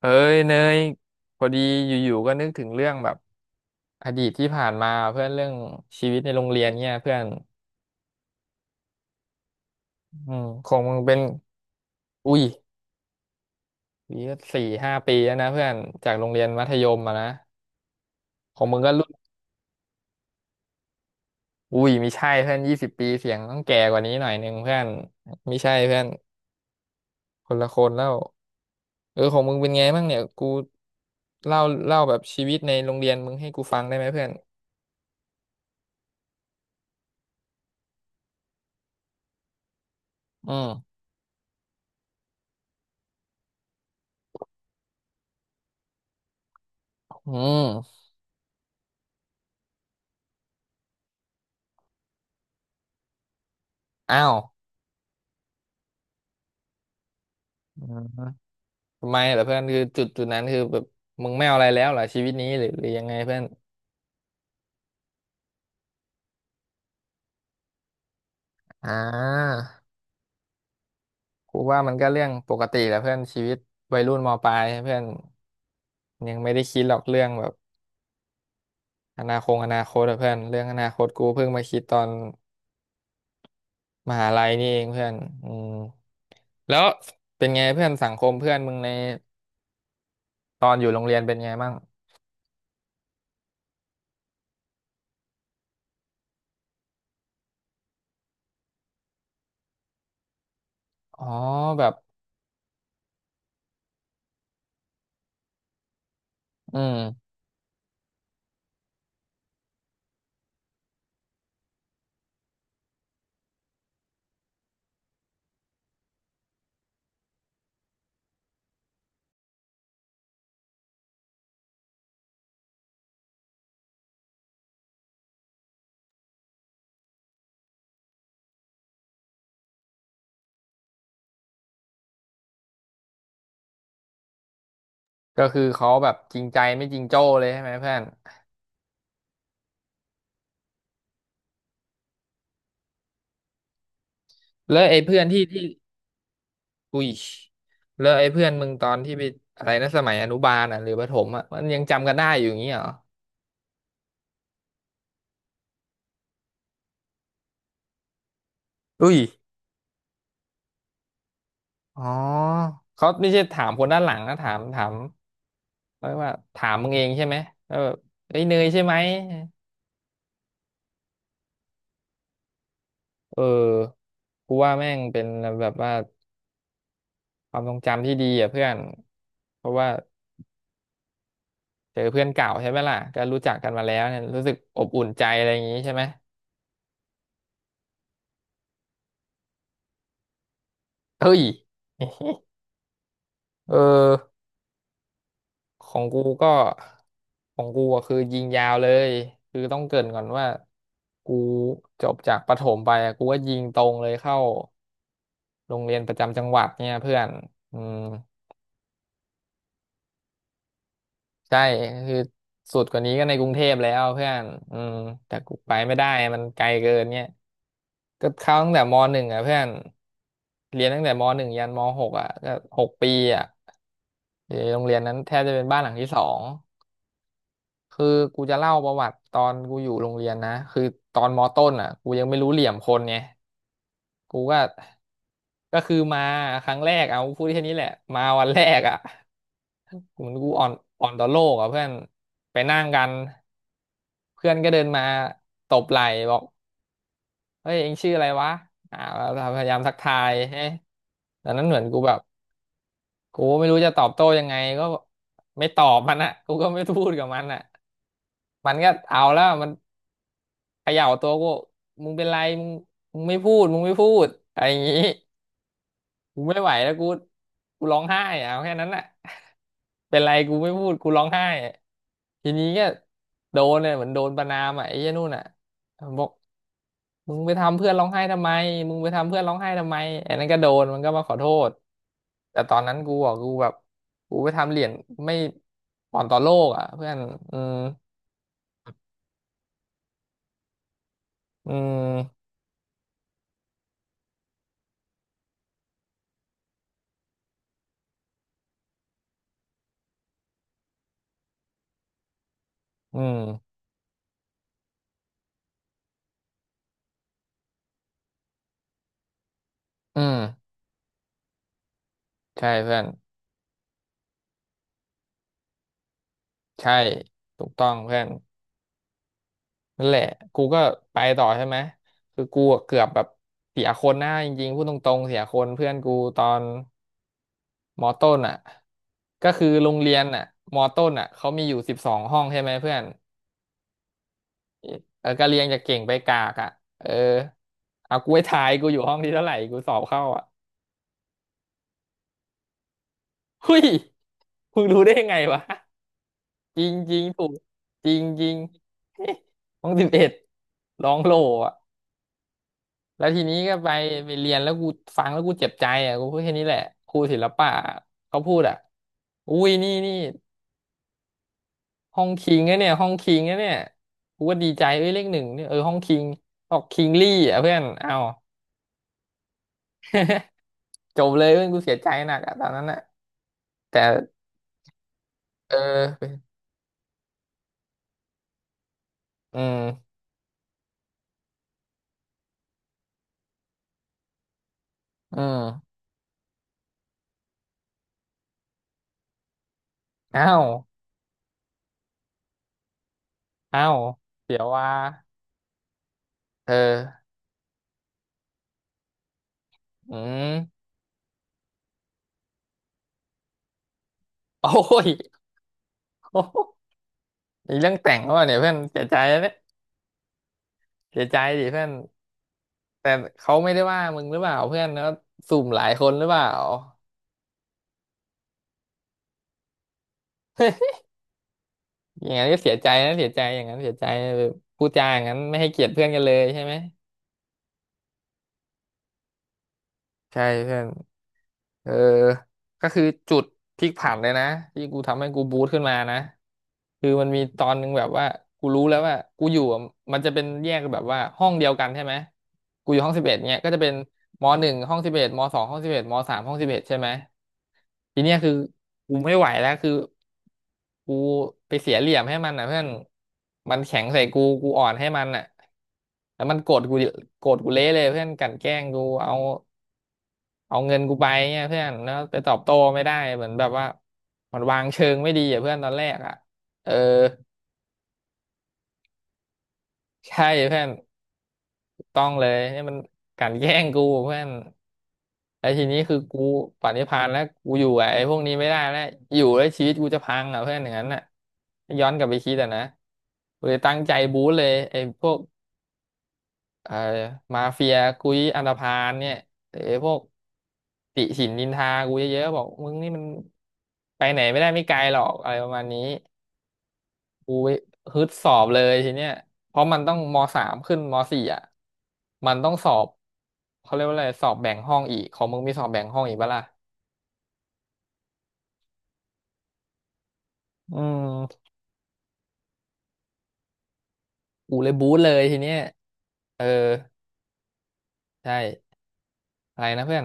เอ้ยเนยพอดีอยู่ๆก็นึกถึงเรื่องแบบอดีตที่ผ่านมาเพื่อนเรื่องชีวิตในโรงเรียนเนี่ยเพื่อนอืมคงมึงเป็นอุ้ยปีก็4-5 ปีแล้วนะเพื่อนจากโรงเรียนมัธยมอะนะของมึงก็รุ่นอุ้ยไม่ใช่เพื่อน20 ปีเสียงต้องแก่กว่านี้หน่อยนึงเพื่อนไม่ใช่เพื่อนคนละคนแล้วเออของมึงเป็นไงบ้างเนี่ยกูเล่าเล่าแบบชีวิตในโรงเรียนมึงให้กูฟังได้ไหมเพื่อนอืมอืมอ้าว ทำไมเหรอเพื่อนคือจุดนั้นคือแบบมึงไม่เอาอะไรแล้วเหรอชีวิตนี้หรือยังไงเพื่อนอ่ากูว่ามันก็เรื่องปกติแหละเพื่อนชีวิตวัยรุ่นมปลายเพื่อนยังไม่ได้คิดหรอกเรื่องแบบอนาคตอะเพื่อนเรื่องอนาคตกูเพิ่งมาคิดตอนมหาลัยนี่เองเพื่อนอืมแล้วเป็นไงเพื่อนสังคมเพื่อนมึงในตอนอยู่โรงเรียนเป็นไงบ้างอ๋อแบบอืมก็คือเขาแบบจริงใจไม่จริงโจ้เลยใช่ไหมเพื่อนแล้วไอ้เพื่อนที่ อุ้ยแล้วไอ้เพื่อนมึงตอนที่ไปอะไรนะสมัยอนุบาลอ่ะหรือประถมอ่ะมันยังจำกันได้อยู่อย่างงี้เหรออุ้ยอ๋อเขาไม่ใช่ถามคนด้านหลังนะถามเรียกว่าถามมึงเองใช่ไหมแล้วแบบเอ้ยเนยใช่ไหมเออกูว่าแม่งเป็นแบบว่าความทรงจำที่ดีอ่ะเพื่อนเพราะว่าเจอเพื่อนเก่าใช่ไหมล่ะก็รู้จักกันมาแล้วเนี่ยรู้สึกอบอุ่นใจอะไรอย่างงี้ใช่ไหมเฮ้ยเออ ของกูก็ของกูอะคือยิงยาวเลยคือต้องเกริ่นก่อนว่ากูจบจากประถมไปอะกูก็ยิงตรงเลยเข้าโรงเรียนประจำจังหวัดเนี่ยเพื่อนอืมใช่คือสุดกว่านี้ก็ในกรุงเทพแล้วเพื่อนอืมแต่กูไปไม่ได้มันไกลเกินเนี่ยก็เข้าตั้งแต่มหนึ่งอ่ะเพื่อนเรียนตั้งแต่มหนึ่งยันมหกอ่ะก็6 ปีอ่ะอยู่ในโรงเรียนนั้นแทบจะเป็นบ้านหลังที่สอง คือกูจะเล่าประวัติตอนกูอยู่โรงเรียนนะคือตอนมต้นอ่ะกูยังไม่รู้เหลี่ยมคนไงกูก็ก็คือมาครั้งแรกเอาพูดแค่นี้แหละมาวันแรกอ่ะเหมือนกูอ่อนต่อโลกอ่ะเพื่อนไปนั่งกันเพื่อนก็เดินมาตบไหล่บอกเฮ้ยเองชื่ออะไรวะอ่าเราพยายามทักทายเฮ้ยตอนนั้นเหมือนกูแบบกูไม่รู้จะตอบโต้ยังไงก็ไม่ตอบมันอ่ะกูก็ไม่พูดกับมันอ่ะมันก็เอาแล้วมัน เขย่าตัวกูมึงเป็นไรมึงมึงไม่พูดมึงไม่พูดอะไรอย่างงี้กูไม่ไหวแล้วกูกูร้องไห้อะเอาแค่นั้นแหละ เป็นไรกูไม่พูดกูร้องไห้อะทีนี้ก็โดนเนี่ยเหมือนโดนประณามอ่ะไอ้เหี้ยนู่นอ่ะบอกมึงไปทำเพื่อนร้องไห้ทำไมมึงไปทำเพื่อนร้องไห้ทำไมไอ้นั่นก็โดนมันก็มาขอโทษ แต่ตอนนั้นกูอ่ะกูแบบกูไปทำเหรียญไม่อ่อนต่อโลกอ่ะเพื่อนอืมอืมอืมอืมใช่เพื่อน ใช่ถูกต้องเพื่อนนั่นแหละกูก็ไปต่อใช่ไหมคือกูอะเกือบแบบเสียคนนะจริงๆพูดตรงๆเสียคนเพื่อนกูตอนมอต้นอ่ะก็คือโรงเรียนอ่ะมอต้นอ่ะเขามีอยู่12 ห้องใช่ไหมเพื่อนเออก็เรียงจากเก่งไปกากอ่ะเออเอากูไปทายกูอยู่ห้องที่เท่าไหร่กูสอบเข้าอ่ะเฮ้ยมึงรู้ได้ไงวะจริงๆถูกจริงๆห้อง11ร้องโลอ่ะ แล้วทีนี้ก็ไปไปเรียนแล้วกูฟังแล้วกูเจ็บใจอ่ะกูพูดแค่นี้แหละครูศิลปะเขาพูดอ่ะอุ้ยนี่นี่ห้องคิงนะเนี่ยห้องคิงนะเนี่ยกูก็ดีใจเอ้ยเลขหนึ่งเนี่ยเออห้องคิงออกคิงลี่อ่ะเพื่อนเอา จบเลยเพื่อนกูเสียใจหนักอ่ะตอนนั้นอ่ะแต่เอออืมอืมอ้าวอ้าวเดี๋ยวว่าเอออืม โอ้ยโอ้ยมีเรื่องแต่งแล้วเนี่ยเพื่อนเสียใจแล้วเนี่ยเสียใจดิเพื่อน แต่เขาไม่ได้ว่ามึงหรือเปล่าเพื่อนแล้วสุ่มหลายคนหรือเปล่า อย่างนั้นก็เสียใจนะเสียใจอย่างนั้นเสียใจแบบพูดจาอย่างนั้นไม่ให้เกียรติเพื่อนกันเลยใช่ไหมใช่เพื่อนเออก็คือจุดพลิกผันเลยนะที่กูทำให้กูบูสต์ขึ้นมานะคือมันมีตอนหนึ่งแบบว่ากูรู้แล้วว่ากูอยู่อะมันจะเป็นแยกแบบว่าห้องเดียวกันใช่ไหมกูอยู่ห้องสิบเอ็ดเนี่ยก็จะเป็นมหนึ่งห้องสิบเอ็ดมสองห้องสิบเอ็ดมสามห้องสิบเอ็ดใช่ไหม ทีเนี้ยคือกูไม่ไหวแล้วคือกูไปเสียเหลี่ยมให้มันอ่ะเพื่อนมันแข็งใส่กูกูอ่อนให้มันอ่ะแล้วมันโกรธกูโกรธกูเละเลยเพื่อนกลั่นแกล้งกูเอาเอาเงินกูไปเนี่ยเพื่อนแล้วไปตอบโต้ไม่ได้เหมือนแบบว่ามันวางเชิงไม่ดีอ่ะเพื่อนตอนแรกอ่ะเออใช่เพื่อน ต้องเลยเนี่ยมันกลั่นแกล้งกูเพื่อนไอ้ทีนี้คือกูปรินิพานแล้วกูอยู่กับไอ้พวกนี้ไม่ได้แล้วอยู่แล้วชีวิตกูจะพังอ่ะเพื่อนอย่างนั้นน่ะย้อนกลับไปคิดอ่ะนะกูเลยตั้งใจบู๊เลยไอ้พวกเอ่อมาเฟียกุยอันธพาลเนี่ยไอ้พวกติฉินนินทากูเยอะๆบอกมึงนี่มันไปไหนไม่ได้ไม่ไกลหรอกอะไรประมาณนี้ กูฮึดสอบเลยทีเนี้ยเพราะมันต้องมสามขึ้นมสี่อ่ะมันต้องสอบเขาเรียกว่าอะไรสอบแบ่งห้องอีกของมึงมีสอบแบ่งห้องอีกปะล่ะ อืมกูเลยบู๊เลยทีเนี้ยเออใช่อะไรนะเพื่อน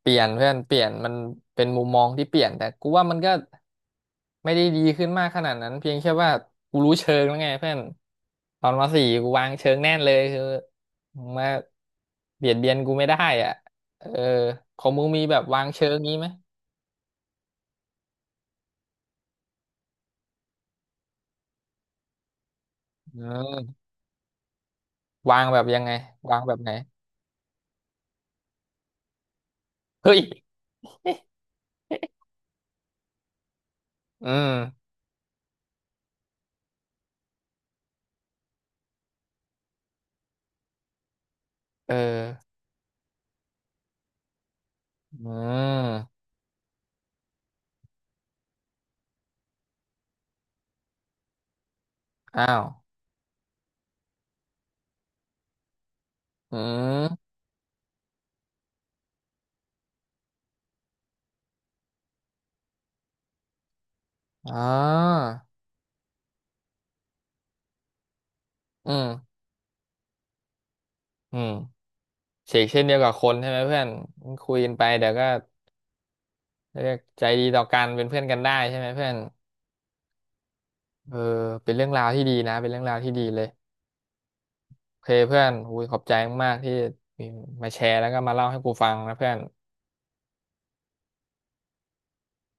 เปลี่ยนเพื่อนเปลี่ยนมันเป็นมุมมองที่เปลี่ยนแต่กูว่ามันก็ไม่ได้ดีขึ้นมากขนาดนั้นเพียงแค่ว่ากูรู้เชิงแล้วไงเพื่อนตอนมสี่กูวางเชิงแน่นเลยคือมึงมาเบียดเบียนกูไม่ได้อ่ะเออของมึงมีแบบวางเชิงงี้ไหมเออวางแบบยังไงวางแบบไหนเฮ้ยอืมเอออืมอ้าวอืมอ๋ออืมอืมเฉกเช่นเดียวกับคนใช่ไหมเพื่อนคุยกันไปเดี๋ยวก็ เรียกใจดีต่อกันเป็นเพื่อนกันได้ใช่ไหมเพื่อนเออเป็นเรื่องราวที่ดีนะเป็นเรื่องราวที่ดีเลยโอเคเพื่อนอุ้ยขอบใจมากๆที่มาแชร์แล้วก็มาเล่าให้กูฟังนะเพื่อน